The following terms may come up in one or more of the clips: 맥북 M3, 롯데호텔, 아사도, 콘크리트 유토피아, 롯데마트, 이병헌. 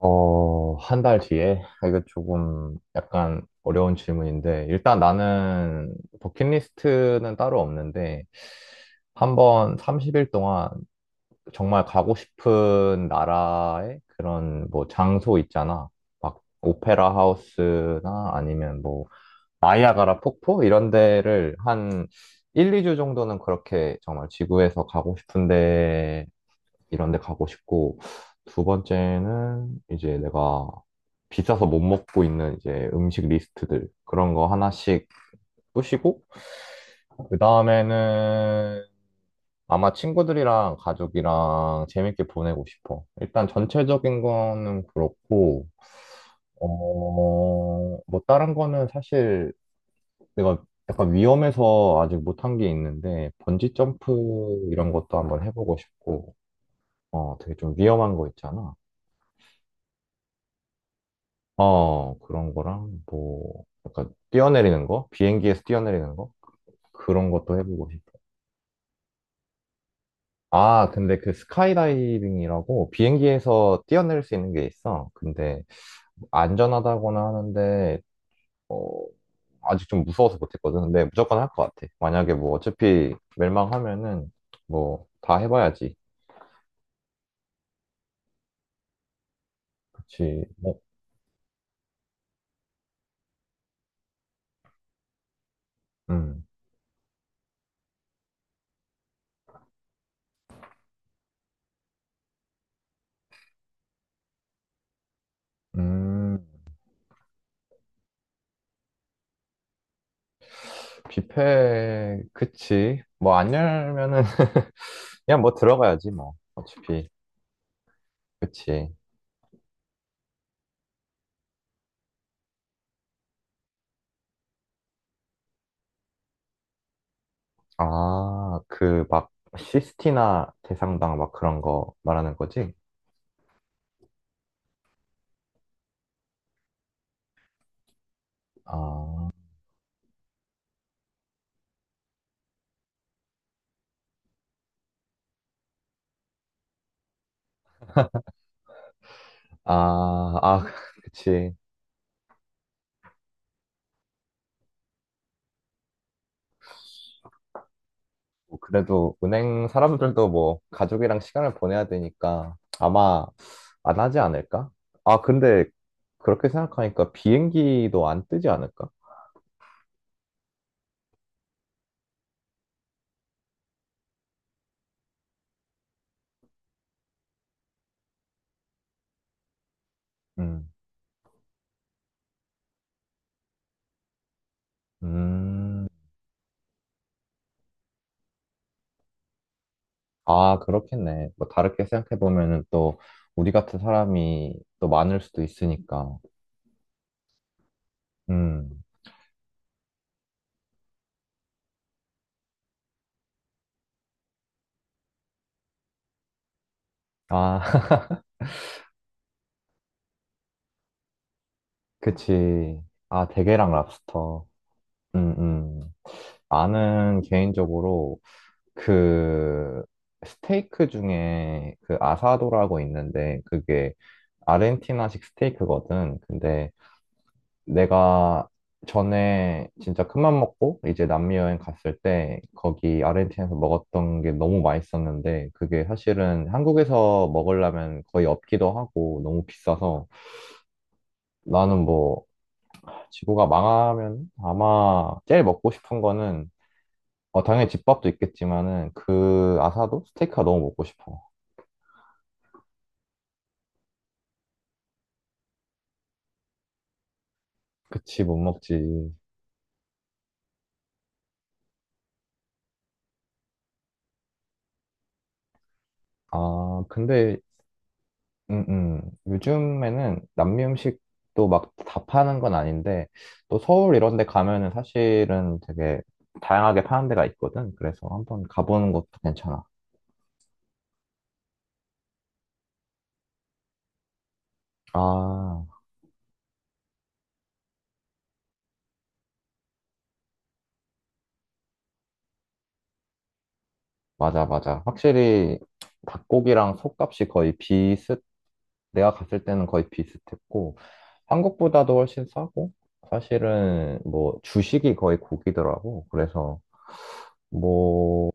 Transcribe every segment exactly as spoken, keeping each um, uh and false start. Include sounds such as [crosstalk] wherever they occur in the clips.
어, 한 달 뒤에? 아, 이거 조금 약간 어려운 질문인데, 일단 나는 버킷리스트는 따로 없는데, 한 번 삼십 일 동안 정말 가고 싶은 나라의 그런 뭐 장소 있잖아. 막 오페라 하우스나 아니면 뭐 나이아가라 폭포 이런 데를 한 한, 이 주 정도는 그렇게 정말 지구에서 가고 싶은데 이런 데 가고 싶고, 두 번째는 이제 내가 비싸서 못 먹고 있는 이제 음식 리스트들, 그런 거 하나씩 꾸시고 그 다음에는 아마 친구들이랑 가족이랑 재밌게 보내고 싶어. 일단 전체적인 거는 그렇고, 어, 뭐 다른 거는 사실 내가 약간 위험해서 아직 못 한 게 있는데, 번지 점프 이런 것도 한번 해보고 싶고, 어, 되게 좀 위험한 거 있잖아. 어, 그런 거랑 뭐 약간 뛰어내리는 거? 비행기에서 뛰어내리는 거? 그런 것도 해보고 싶어. 아, 근데 그 스카이다이빙이라고 비행기에서 뛰어내릴 수 있는 게 있어. 근데 안전하다고는 하는데 어, 아직 좀 무서워서 못했거든. 근데 무조건 할 것 같아. 만약에 뭐 어차피 멸망하면은 뭐 다 해봐야지. 그치. 뭐, 음, 음, 뷔페, 그치. 뭐 안 열면은 [laughs] 그냥 뭐 들어가야지 뭐. 어차피. 그치. 아, 그 막 시스티나 대상당 막 그런 거 말하는 거지? 아, 아, 아, [laughs] 그치. 뭐 그래도 은행 사람들도 뭐 가족이랑 시간을 보내야 되니까 아마 안 하지 않을까? 아, 근데 그렇게 생각하니까 비행기도 안 뜨지 않을까? 음, 음, 아, 그렇겠네. 뭐 다르게 생각해 보면은 또 우리 같은 사람이 또 많을 수도 있으니까. 음, 아. 그치. 아, 대게랑 랍스터. 음, 음. 나는 개인적으로 그 스테이크 중에 그 아사도라고 있는데 그게 아르헨티나식 스테이크거든. 근데 내가 전에 진짜 큰맘 먹고 이제 남미 여행 갔을 때 거기 아르헨티나에서 먹었던 게 너무 맛있었는데 그게 사실은 한국에서 먹으려면 거의 없기도 하고 너무 비싸서 나는 뭐 지구가 망하면 아마 제일 먹고 싶은 거는 어, 당연히 집밥도 있겠지만은 그 아사도 스테이크가 너무 먹고 싶어. 그치 못 먹지. 아 근데 음, 음. 요즘에는 남미 음식도 막 다 파는 건 아닌데 또 서울 이런 데 가면은 사실은 되게 다양하게 파는 데가 있거든. 그래서 한번 가보는 것도 괜찮아. 아 맞아 맞아. 확실히 닭고기랑 속값이 거의 비슷 내가 갔을 때는 거의 비슷했고, 한국보다도 훨씬 싸고, 사실은 뭐 주식이 거의 고기더라고. 그래서 뭐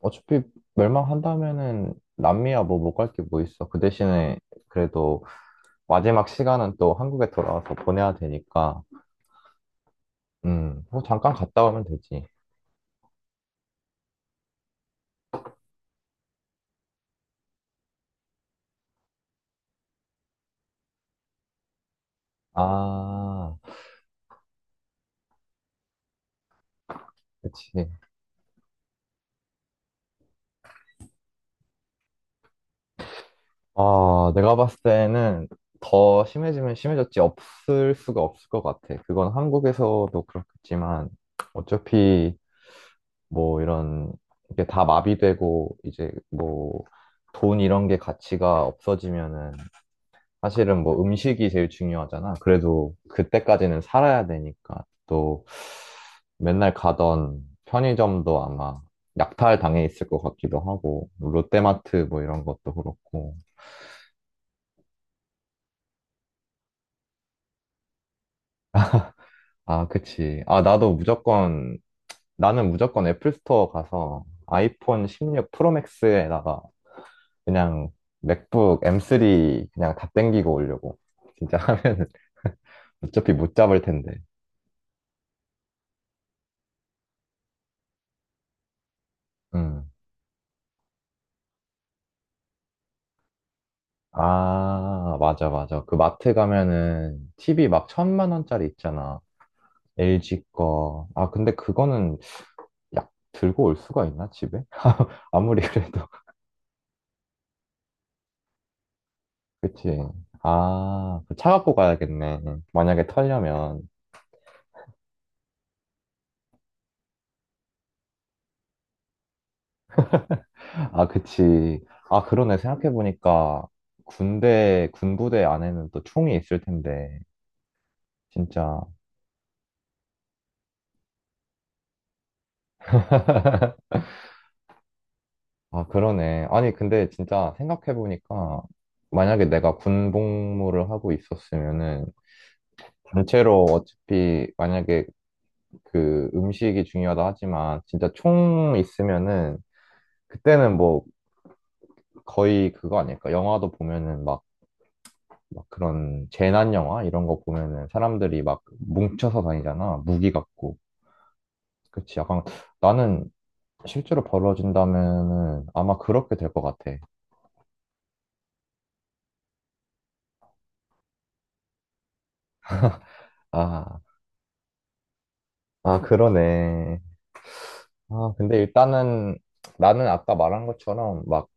어차피 멸망한다면은 남미야 뭐 못 갈 게 뭐 있어. 그 대신에 그래도 마지막 시간은 또 한국에 돌아와서 보내야 되니까, 음, 뭐 잠깐 갔다 오면 되지. 아, 그치. 아, 내가 봤을 때는 더 심해지면 심해졌지 없을 수가 없을 것 같아. 그건 한국에서도 그렇겠지만 어차피 뭐 이런 이게 다 마비되고 이제 뭐 돈 이런 게 가치가 없어지면은 사실은 뭐 음식이 제일 중요하잖아. 그래도 그때까지는 살아야 되니까 또 맨날 가던 편의점도 아마 약탈 당해 있을 것 같기도 하고 뭐 롯데마트 뭐 이런 것도 그렇고 아, 그치. 아, 나도 무조건, 나는 무조건 애플 스토어 가서 아이폰 십육 프로 맥스에다가 그냥 맥북 엠쓰리 그냥 다 땡기고 오려고. 진짜 [laughs] 하면은 어차피 못 잡을 텐데. 음. 아, 맞아, 맞아. 그 마트 가면은 티비 막 천만 원짜리 있잖아. 엘지 거. 아, 근데 그거는 약 들고 올 수가 있나, 집에? [laughs] 아무리 그래도. [laughs] 그치. 아, 차 갖고 가야겠네. 만약에 털려면. 아, 그치. 아, 그러네. 생각해보니까 군대, 군부대 안에는 또 총이 있을 텐데. 진짜. 아, 그러네. 아니, 근데 진짜 생각해보니까 만약에 내가 군복무를 하고 있었으면은 단체로 어차피 만약에 그 음식이 중요하다 하지만 진짜 총 있으면은 그때는 뭐 거의 그거 아닐까? 영화도 보면은 막 막 그런 재난 영화 이런 거 보면은 사람들이 막 뭉쳐서 다니잖아. 무기 갖고. 그치. 약간 나는 실제로 벌어진다면은 아마 그렇게 될 것 같아. 아, 아, 그러네. 아, 근데 일단은 나는 아까 말한 것처럼 막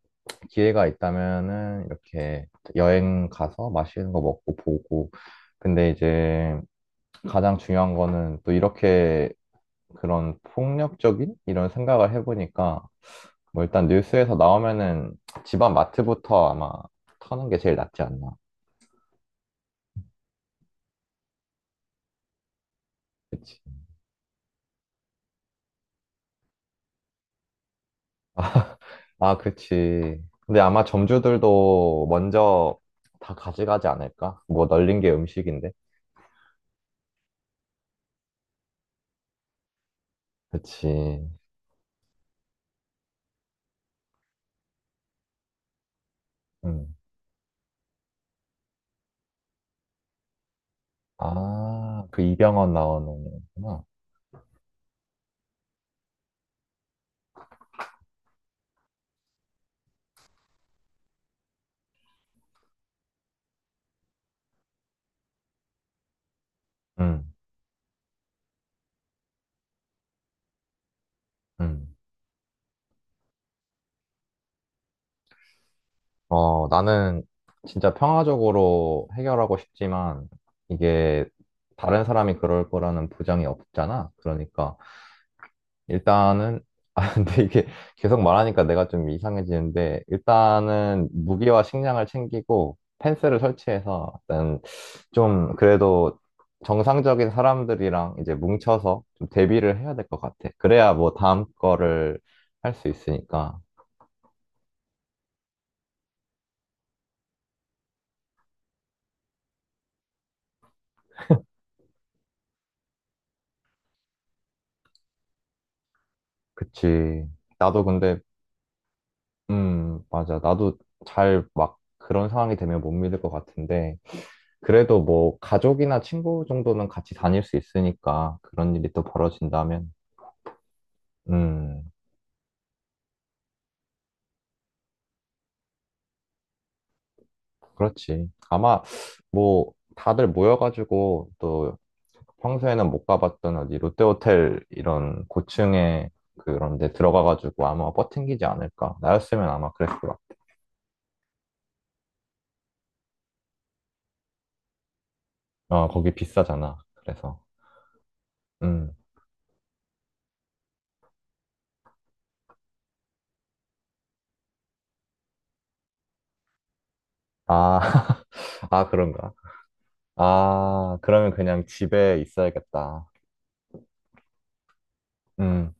기회가 있다면은 이렇게 여행 가서 맛있는 거 먹고 보고. 근데 이제 가장 중요한 거는 또 이렇게 그런 폭력적인 이런 생각을 해보니까 뭐 일단 뉴스에서 나오면은 집안 마트부터 아마 터는 게 제일 낫지 않나. 그치? 아, 그치. 근데 아마 점주들도 먼저 다 가져가지 않을까? 뭐 널린 게 음식인데. 그치. 음. 아, 그 이병헌 나오는 거구나. 음, 음. 어, 나는 진짜 평화적으로 해결하고 싶지만 이게 다른 사람이 그럴 거라는 보장이 없잖아. 그러니까. 일단은, 아, [laughs] 근데 이게 계속 말하니까 내가 좀 이상해지는데, 일단은 무기와 식량을 챙기고 펜스를 설치해서 일단 좀 그래도 정상적인 사람들이랑 이제 뭉쳐서 좀 대비를 해야 될 것 같아. 그래야 뭐 다음 거를 할 수 있으니까. 그치. 나도 근데 음, 맞아. 나도 잘 막 그런 상황이 되면 못 믿을 것 같은데, 그래도 뭐 가족이나 친구 정도는 같이 다닐 수 있으니까 그런 일이 또 벌어진다면, 음, 그렇지. 아마 뭐 다들 모여가지고 또 평소에는 못 가봤던 어디 롯데호텔 이런 고층에 그런 데 들어가가지고 아마 버팅기지 않을까. 나였으면 아마 그랬을 것 같아. 어, 거기 비싸잖아. 그래서, 음. 아, [laughs] 아, 그런가. 아, 그러면 그냥 집에 있어야겠다. 음,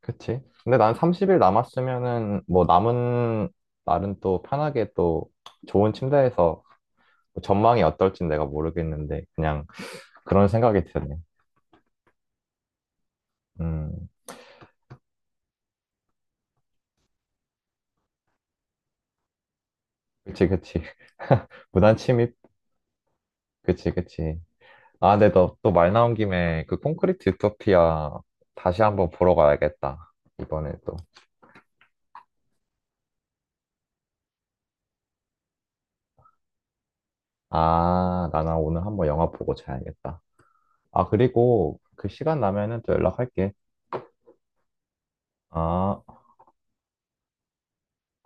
그치. 근데 난 삼십 일 남았으면은 뭐 남은 날은 또 편하게 또 좋은 침대에서 뭐 전망이 어떨진 내가 모르겠는데 그냥 그런 생각이 드네. 음, 그치, 그치. [laughs] 무단 침입? 그치, 그치. 아, 근데 너 또 말 나온 김에 그 콘크리트 유토피아 다시 한번 보러 가야겠다. 이번에 또. 아, 나나 오늘 한번 영화 보고 자야겠다. 아, 그리고 그 시간 나면은 또 연락할게. 아.